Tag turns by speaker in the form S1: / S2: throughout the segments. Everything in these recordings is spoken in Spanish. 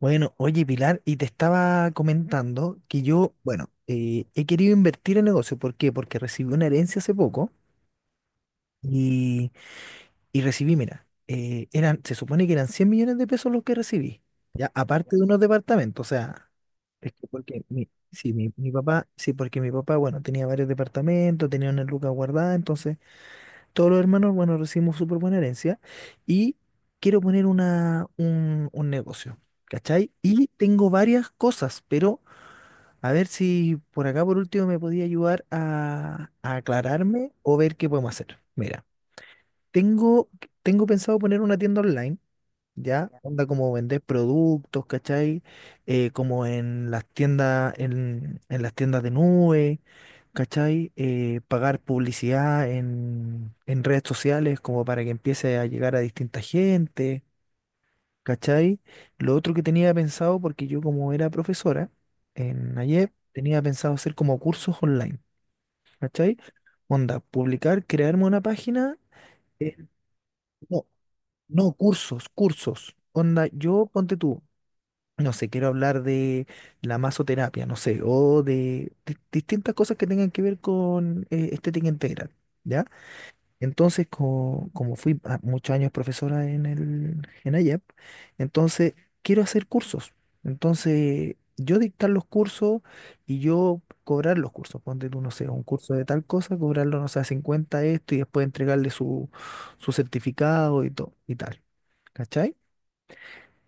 S1: Bueno, oye Pilar, y te estaba comentando que yo, bueno, he querido invertir en negocio. ¿Por qué? Porque recibí una herencia hace poco y, y recibí, mira, se supone que eran 100 millones de pesos los que recibí, ya, aparte de unos departamentos, o sea, es que porque mi, sí, mi papá, sí, porque mi papá, bueno, tenía varios departamentos, tenía una lucas guardada, entonces todos los hermanos, bueno, recibimos súper buena herencia y quiero poner un negocio, ¿cachai? Y tengo varias cosas, pero a ver si por acá por último me podía ayudar a aclararme o ver qué podemos hacer. Mira, tengo, tengo pensado poner una tienda online, ¿ya? Onda como vender productos, ¿cachai? Como en las tiendas, en las tiendas de nube, ¿cachai? Pagar publicidad en redes sociales como para que empiece a llegar a distinta gente, ¿cachai? Lo otro que tenía pensado, porque yo como era profesora en ayer, tenía pensado hacer como cursos online, ¿cachai? Onda, publicar, crearme una página. eh, no, no, cursos, cursos. Onda, yo ponte tú, no sé, quiero hablar de la masoterapia, no sé, o de distintas cosas que tengan que ver con estética integral, ¿ya? Entonces, como fui muchos años profesora en el, en IAP, entonces quiero hacer cursos. Entonces, yo dictar los cursos y yo cobrar los cursos. Ponte tú, no sé, un curso de tal cosa, cobrarlo, no sé, a 50 esto y después entregarle su, su certificado y todo, y tal. ¿Cachai?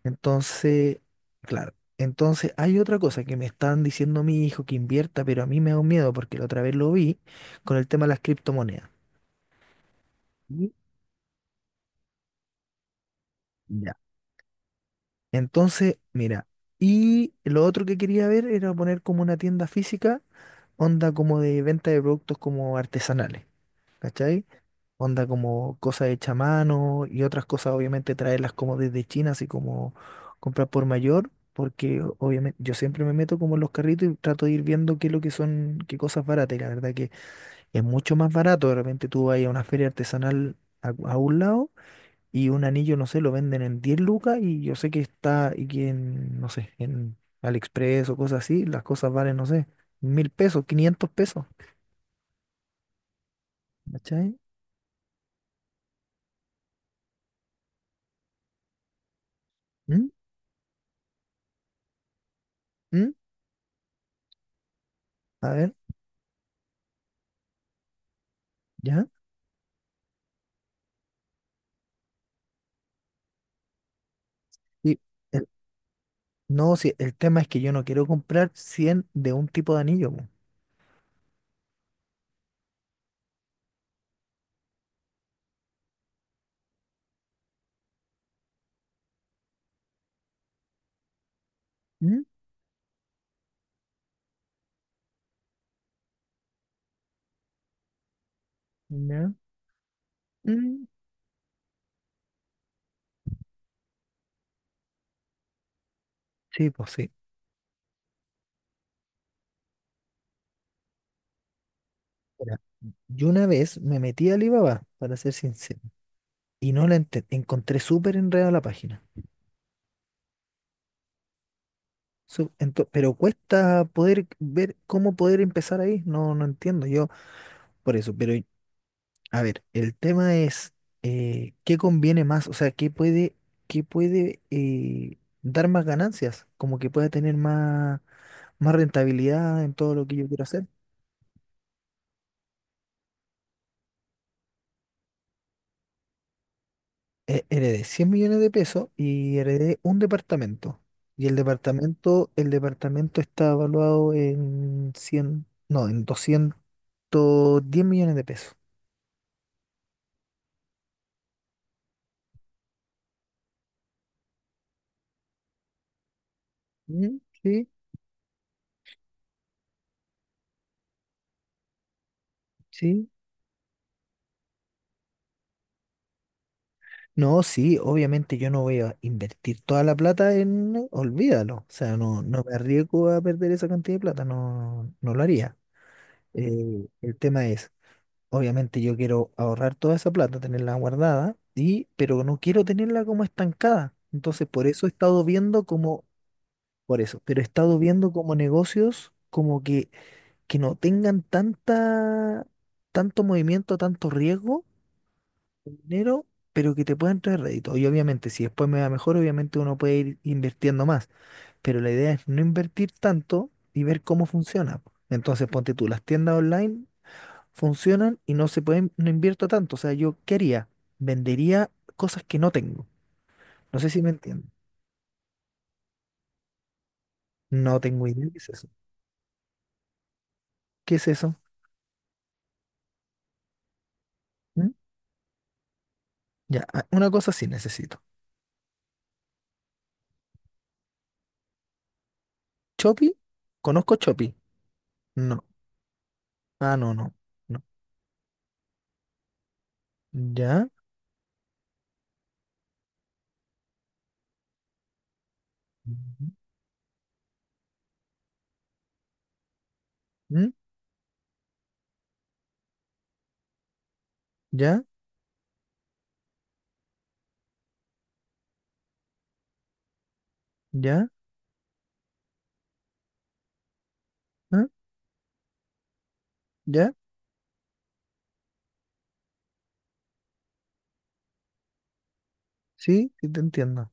S1: Entonces, claro. Entonces, hay otra cosa que me están diciendo mi hijo que invierta, pero a mí me da un miedo porque la otra vez lo vi con el tema de las criptomonedas. Y Ya. Entonces, mira, y lo otro que quería ver era poner como una tienda física, onda como de venta de productos como artesanales, ¿cachai? Onda como cosas hechas a mano y otras cosas obviamente traerlas como desde China, así como comprar por mayor, porque obviamente yo siempre me meto como en los carritos y trato de ir viendo qué es lo que son, qué cosas baratas, y la verdad que es mucho más barato, de repente tú vas a una feria artesanal a un lado y un anillo, no sé, lo venden en 10 lucas y yo sé que está, y que en, no sé, en AliExpress o cosas así, las cosas valen, no sé, 1.000 pesos, 500 pesos, ¿cachai? ¿Mm? ¿Mm? A ver, ¿ya? Y No, sí, el tema es que yo no quiero comprar 100 de un tipo de anillo, po. ¿Mm? ¿Ya? Mm. Sí, pues sí. Mira, yo una vez me metí a Alibaba, para ser sincero, y no la encontré súper enredada la página. Pero cuesta poder ver cómo poder empezar ahí. No, no entiendo yo por eso. Pero, a ver, el tema es, ¿qué conviene más? O sea, ¿qué puede dar más ganancias? Como que pueda tener más rentabilidad en todo lo que yo quiero hacer. Heredé 100 millones de pesos y heredé un departamento. Y el departamento está evaluado en 100 no, en 210 millones de pesos. Mm. Sí, sí. No, sí, obviamente yo no voy a invertir toda la plata en, olvídalo, o sea, no, no me arriesgo a perder esa cantidad de plata, no, no lo haría. El tema es, obviamente yo quiero ahorrar toda esa plata, tenerla guardada, y, pero no quiero tenerla como estancada. Entonces, por eso he estado viendo como, por eso, pero he estado viendo como negocios como que no tengan tanta, tanto movimiento, tanto riesgo dinero, pero que te puedan traer rédito. Y obviamente, si después me va mejor, obviamente uno puede ir invirtiendo más. Pero la idea es no invertir tanto y ver cómo funciona. Entonces, ponte tú, las tiendas online funcionan y no se pueden, no invierto tanto. O sea, yo ¿qué haría? Vendería cosas que no tengo. No sé si me entienden. No tengo idea qué es eso. ¿Qué es eso? ¿Mm? Ya, ah, una cosa sí necesito. ¿Chopi? ¿Conozco Chopi? No. Ah, no, no. No. Ya. Ujú. ¿Mm? ¿Ya? ¿Ya? ¿Ah? ¿Ya? Sí, sí, te entiendo,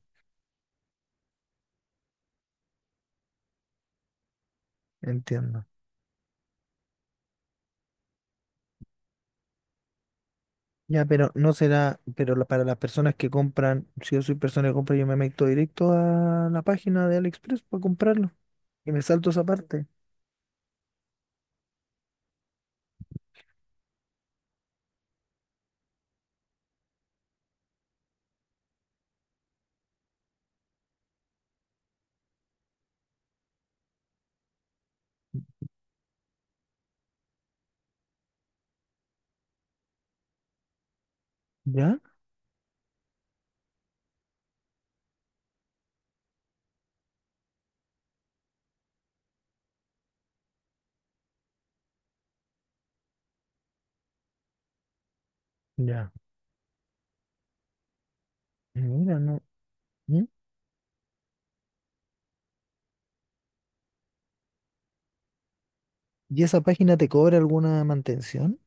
S1: entiendo. Ya, pero no será, pero para las personas que compran, si yo soy persona que compra, yo me meto directo a la página de AliExpress para comprarlo y me salto esa parte. ¿Ya? Ya. Mira, no. ¿Mm? ¿Y esa página te cobra alguna mantención?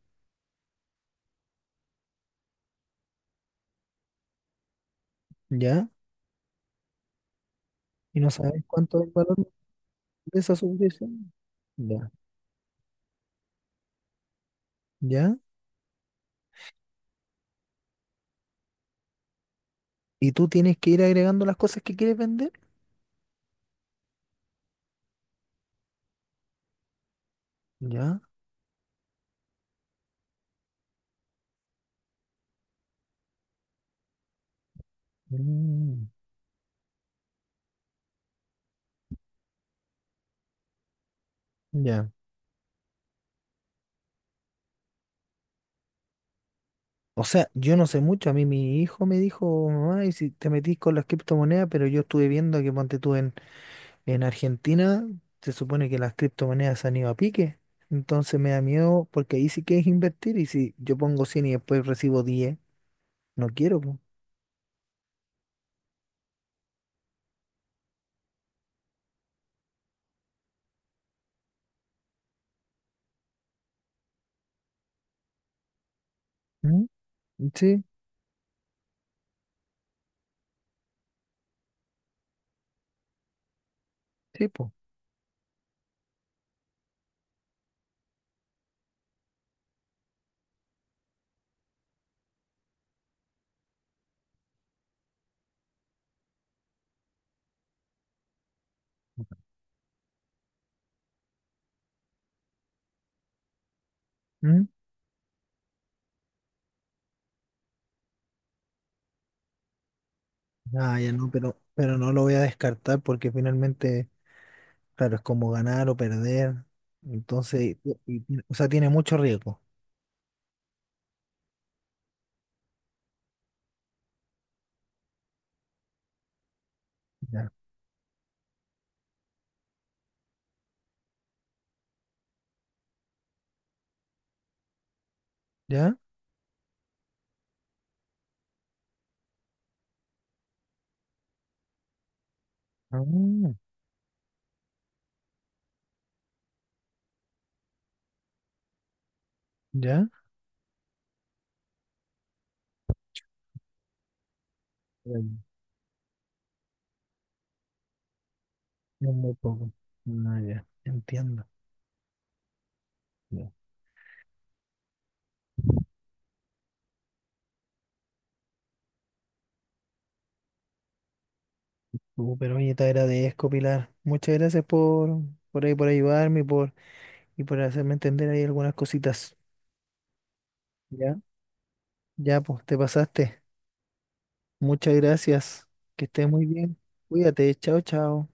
S1: ¿Ya? ¿Y no sabes cuánto es el valor de esa suscripción? Ya. ¿Ya? ¿Y tú tienes que ir agregando las cosas que quieres vender? ¿Ya? Mm. Ya. O sea, yo no sé mucho. A mí mi hijo me dijo, mamá, y si te metís con las criptomonedas, pero yo estuve viendo que ponte tú en Argentina, se supone que las criptomonedas se han ido a pique. Entonces me da miedo porque ahí sí que es invertir y si yo pongo 100 y después recibo 10, no quiero, po. ¿Mm? Sí, sí, po. ¿Mm? Ah, ya no, pero no lo voy a descartar porque finalmente, claro, es como ganar o perder. Entonces, o sea, tiene mucho riesgo. Ya. ¿Ya? Ah, ¿ya? Bueno. Es muy poco. Ah, ya, entiendo. Ya. Pero oye, te agradezco, Pilar. Muchas gracias por ahí, por ayudarme y por hacerme entender ahí algunas cositas. Ya, ya, pues te pasaste. Muchas gracias. Que estés muy bien. Cuídate. Chao, chao.